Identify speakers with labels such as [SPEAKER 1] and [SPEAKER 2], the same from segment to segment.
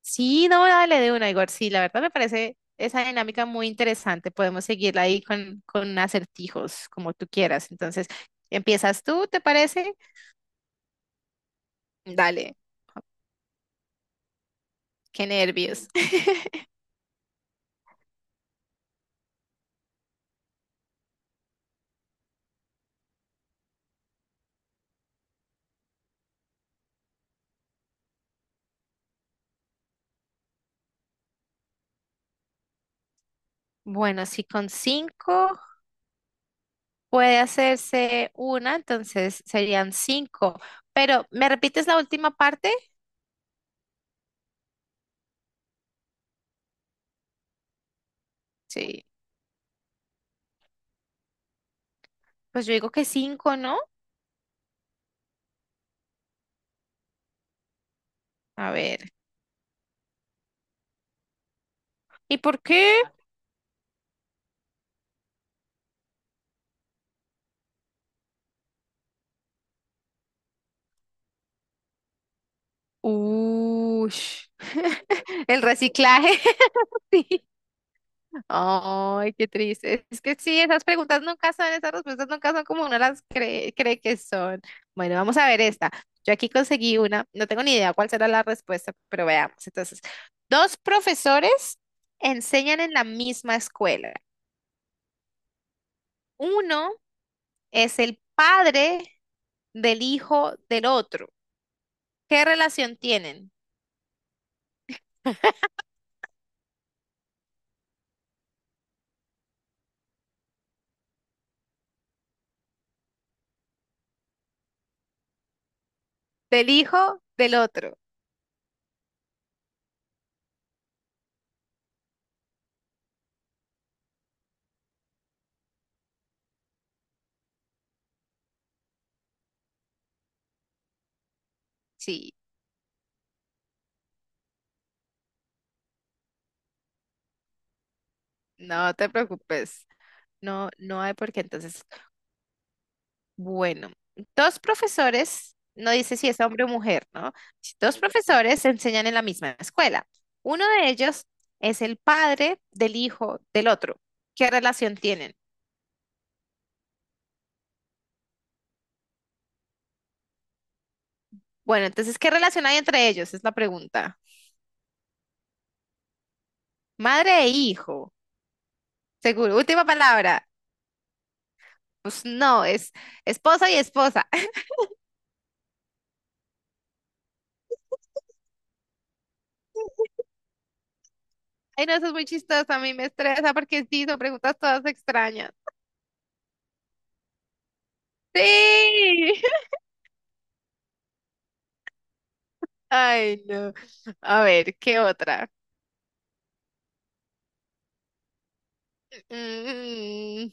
[SPEAKER 1] Sí, no, dale de una, Igor. Sí, la verdad me parece esa dinámica muy interesante. Podemos seguirla ahí con acertijos, como tú quieras. Entonces, ¿empiezas tú, te parece? Dale, qué nervios. Bueno, si con cinco puede hacerse una, entonces serían cinco. Pero, ¿me repites la última parte? Sí, pues yo digo que cinco, ¿no? A ver, ¿y por qué? Ush. el reciclaje. Sí. Ay, qué triste. Es que sí, esas preguntas nunca son, esas respuestas nunca son como uno las cree, cree que son. Bueno, vamos a ver esta. Yo aquí conseguí una, no tengo ni idea cuál será la respuesta, pero veamos. Entonces, dos profesores enseñan en la misma escuela. Uno es el padre del hijo del otro. ¿Qué relación tienen? Del hijo del otro. Sí, no te preocupes. No, no hay por qué. Entonces, bueno, dos profesores, no dice si es hombre o mujer, ¿no? Si dos profesores se enseñan en la misma escuela. Uno de ellos es el padre del hijo del otro. ¿Qué relación tienen? Bueno, entonces, ¿qué relación hay entre ellos? Es la pregunta. Madre e hijo, seguro. Última palabra. Pues no, es esposa y esposa. Ay, no, eso es muy chistoso. A mí me estresa porque sí, son preguntas todas extrañas. Sí. Ay, no. A ver, ¿qué otra? Mm.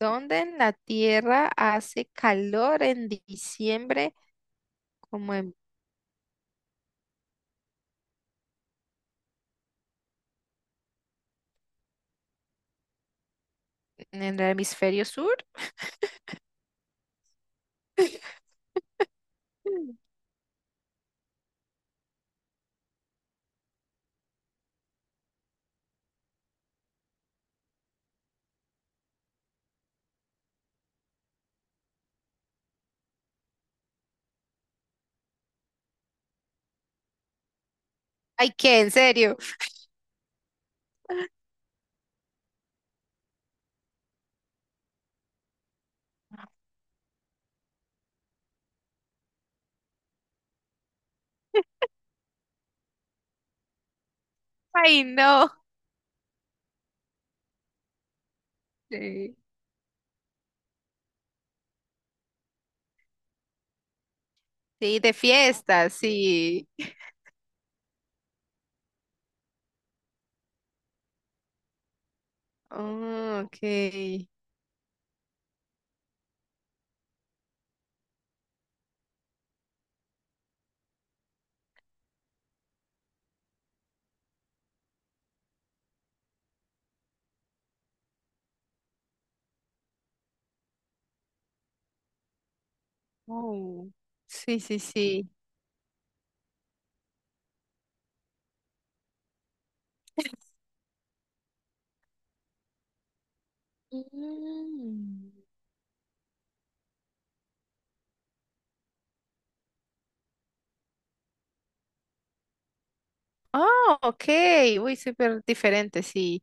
[SPEAKER 1] ¿Dónde en la Tierra hace calor en diciembre como en el hemisferio sur? Mm. Ay, ¿qué? ¿En serio? Ay, no. Sí. Sí, de fiesta, sí. Oh, ok. Oh, sí, sí, sí. Mm. Oh, ok. Uy, súper diferente, sí.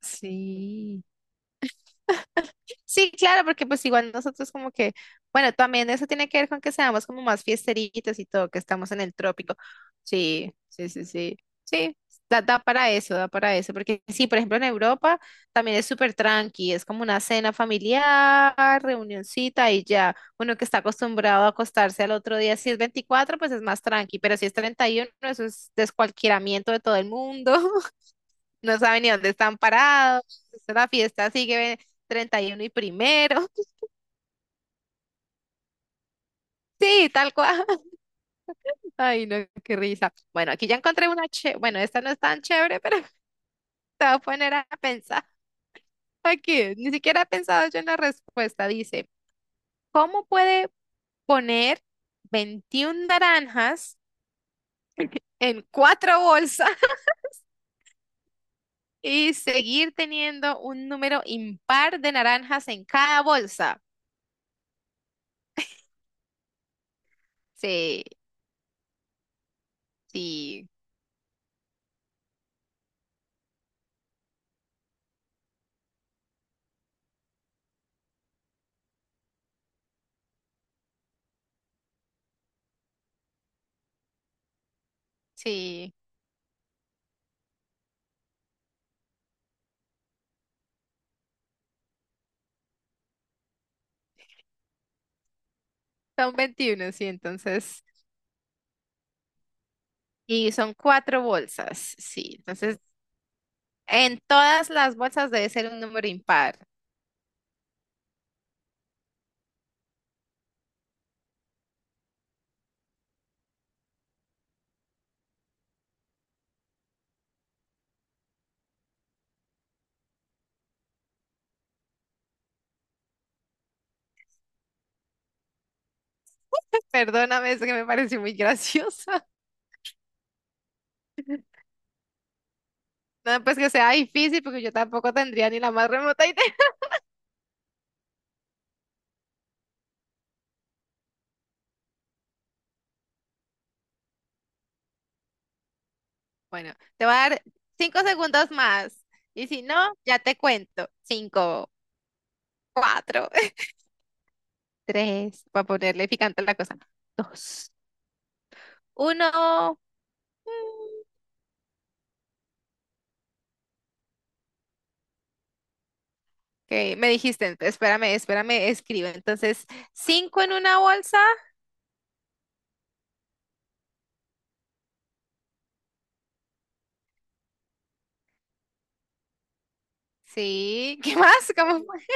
[SPEAKER 1] Sí. Sí, claro, porque pues igual nosotros como que, bueno, también eso tiene que ver con que seamos como más fiesteritos y todo, que estamos en el trópico. Sí, sí, sí, sí. Sí, da, da para eso, porque sí, por ejemplo, en Europa también es súper tranqui, es como una cena familiar, reunioncita y ya. Uno que está acostumbrado a acostarse al otro día, si es 24, pues es más tranqui, pero si es 31, eso es descualquieramiento de todo el mundo, no saben ni dónde están parados, la fiesta sigue 31 y primero. Sí, tal cual. Ay, no, qué risa. Bueno, aquí ya encontré una, che, bueno, esta no es tan chévere, pero te voy a poner a pensar. Aquí, ni siquiera he pensado yo en la respuesta. Dice, ¿cómo puede poner 21 naranjas en cuatro bolsas y seguir teniendo un número impar de naranjas en cada bolsa? Sí, sí, sí. Son 21, sí, entonces y son cuatro bolsas, sí. Entonces, en todas las bolsas debe ser un número impar. Perdóname, es que me pareció muy graciosa. No, pues que sea difícil, porque yo tampoco tendría ni la más remota idea. Bueno, te voy a dar 5 segundos más. Y si no, ya te cuento. Cinco, cuatro, tres, para ponerle picante a la cosa. Dos, uno. Mm. Ok, me dijiste, espérame, espérame, escribe. Entonces, cinco en una bolsa. Sí, ¿qué más?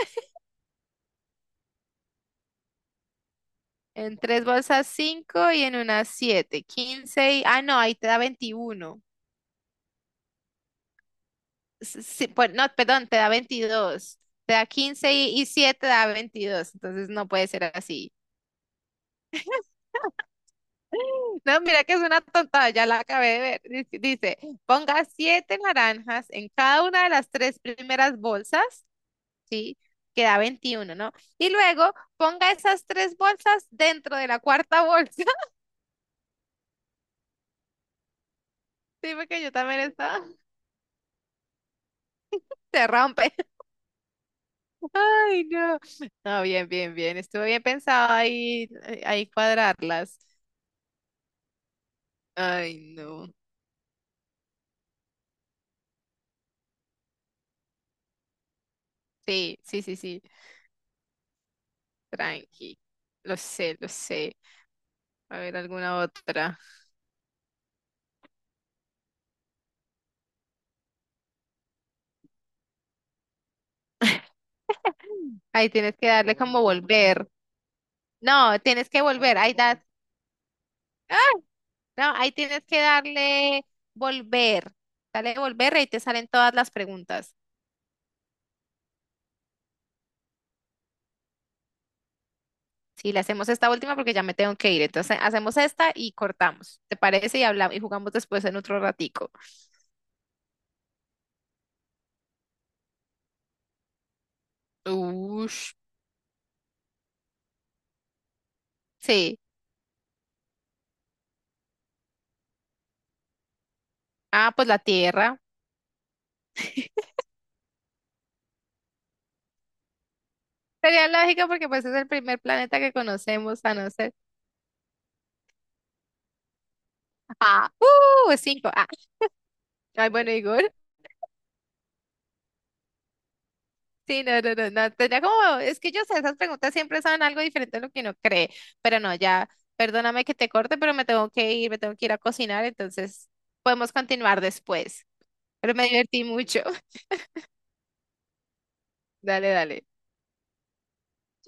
[SPEAKER 1] En tres bolsas cinco y en una siete. 15 y... Ah, no, ahí te da 21. Sí, pues, no, perdón, te da 22. Te da 15 y siete te da 22. Entonces no puede ser así. No, mira que es una tontada, ya la acabé de ver. Dice, dice, ponga siete naranjas en cada una de las tres primeras bolsas, ¿sí? Que da 21, ¿no? Y luego ponga esas tres bolsas dentro de la cuarta bolsa. Dime que yo también estaba. Se rompe. Ay, no. No, bien, bien, bien. Estuvo bien pensado ahí, ahí cuadrarlas. Ay, no. Sí, sí, sí, sí. Tranqui. Lo sé, lo sé. A ver, alguna otra. Ahí tienes que darle como volver. No, tienes que volver. Ahí da. ¡Ah! No, ahí tienes que darle volver. Dale volver y ahí te salen todas las preguntas. Sí, le hacemos esta última porque ya me tengo que ir. Entonces hacemos esta y cortamos. ¿Te parece? Y hablamos y jugamos después en otro ratico. Uy, sí. Ah, pues la Tierra. Sería lógico porque pues es el primer planeta que conocemos a no ser. Ah, cinco. Ah, ay, bueno, Igor. Sí, no, no, no, no. Tenía como, es que yo sé, esas preguntas siempre son algo diferente a lo que uno cree. Pero no, ya, perdóname que te corte, pero me tengo que ir, me tengo que ir a cocinar, entonces podemos continuar después. Pero me divertí mucho. Dale, dale.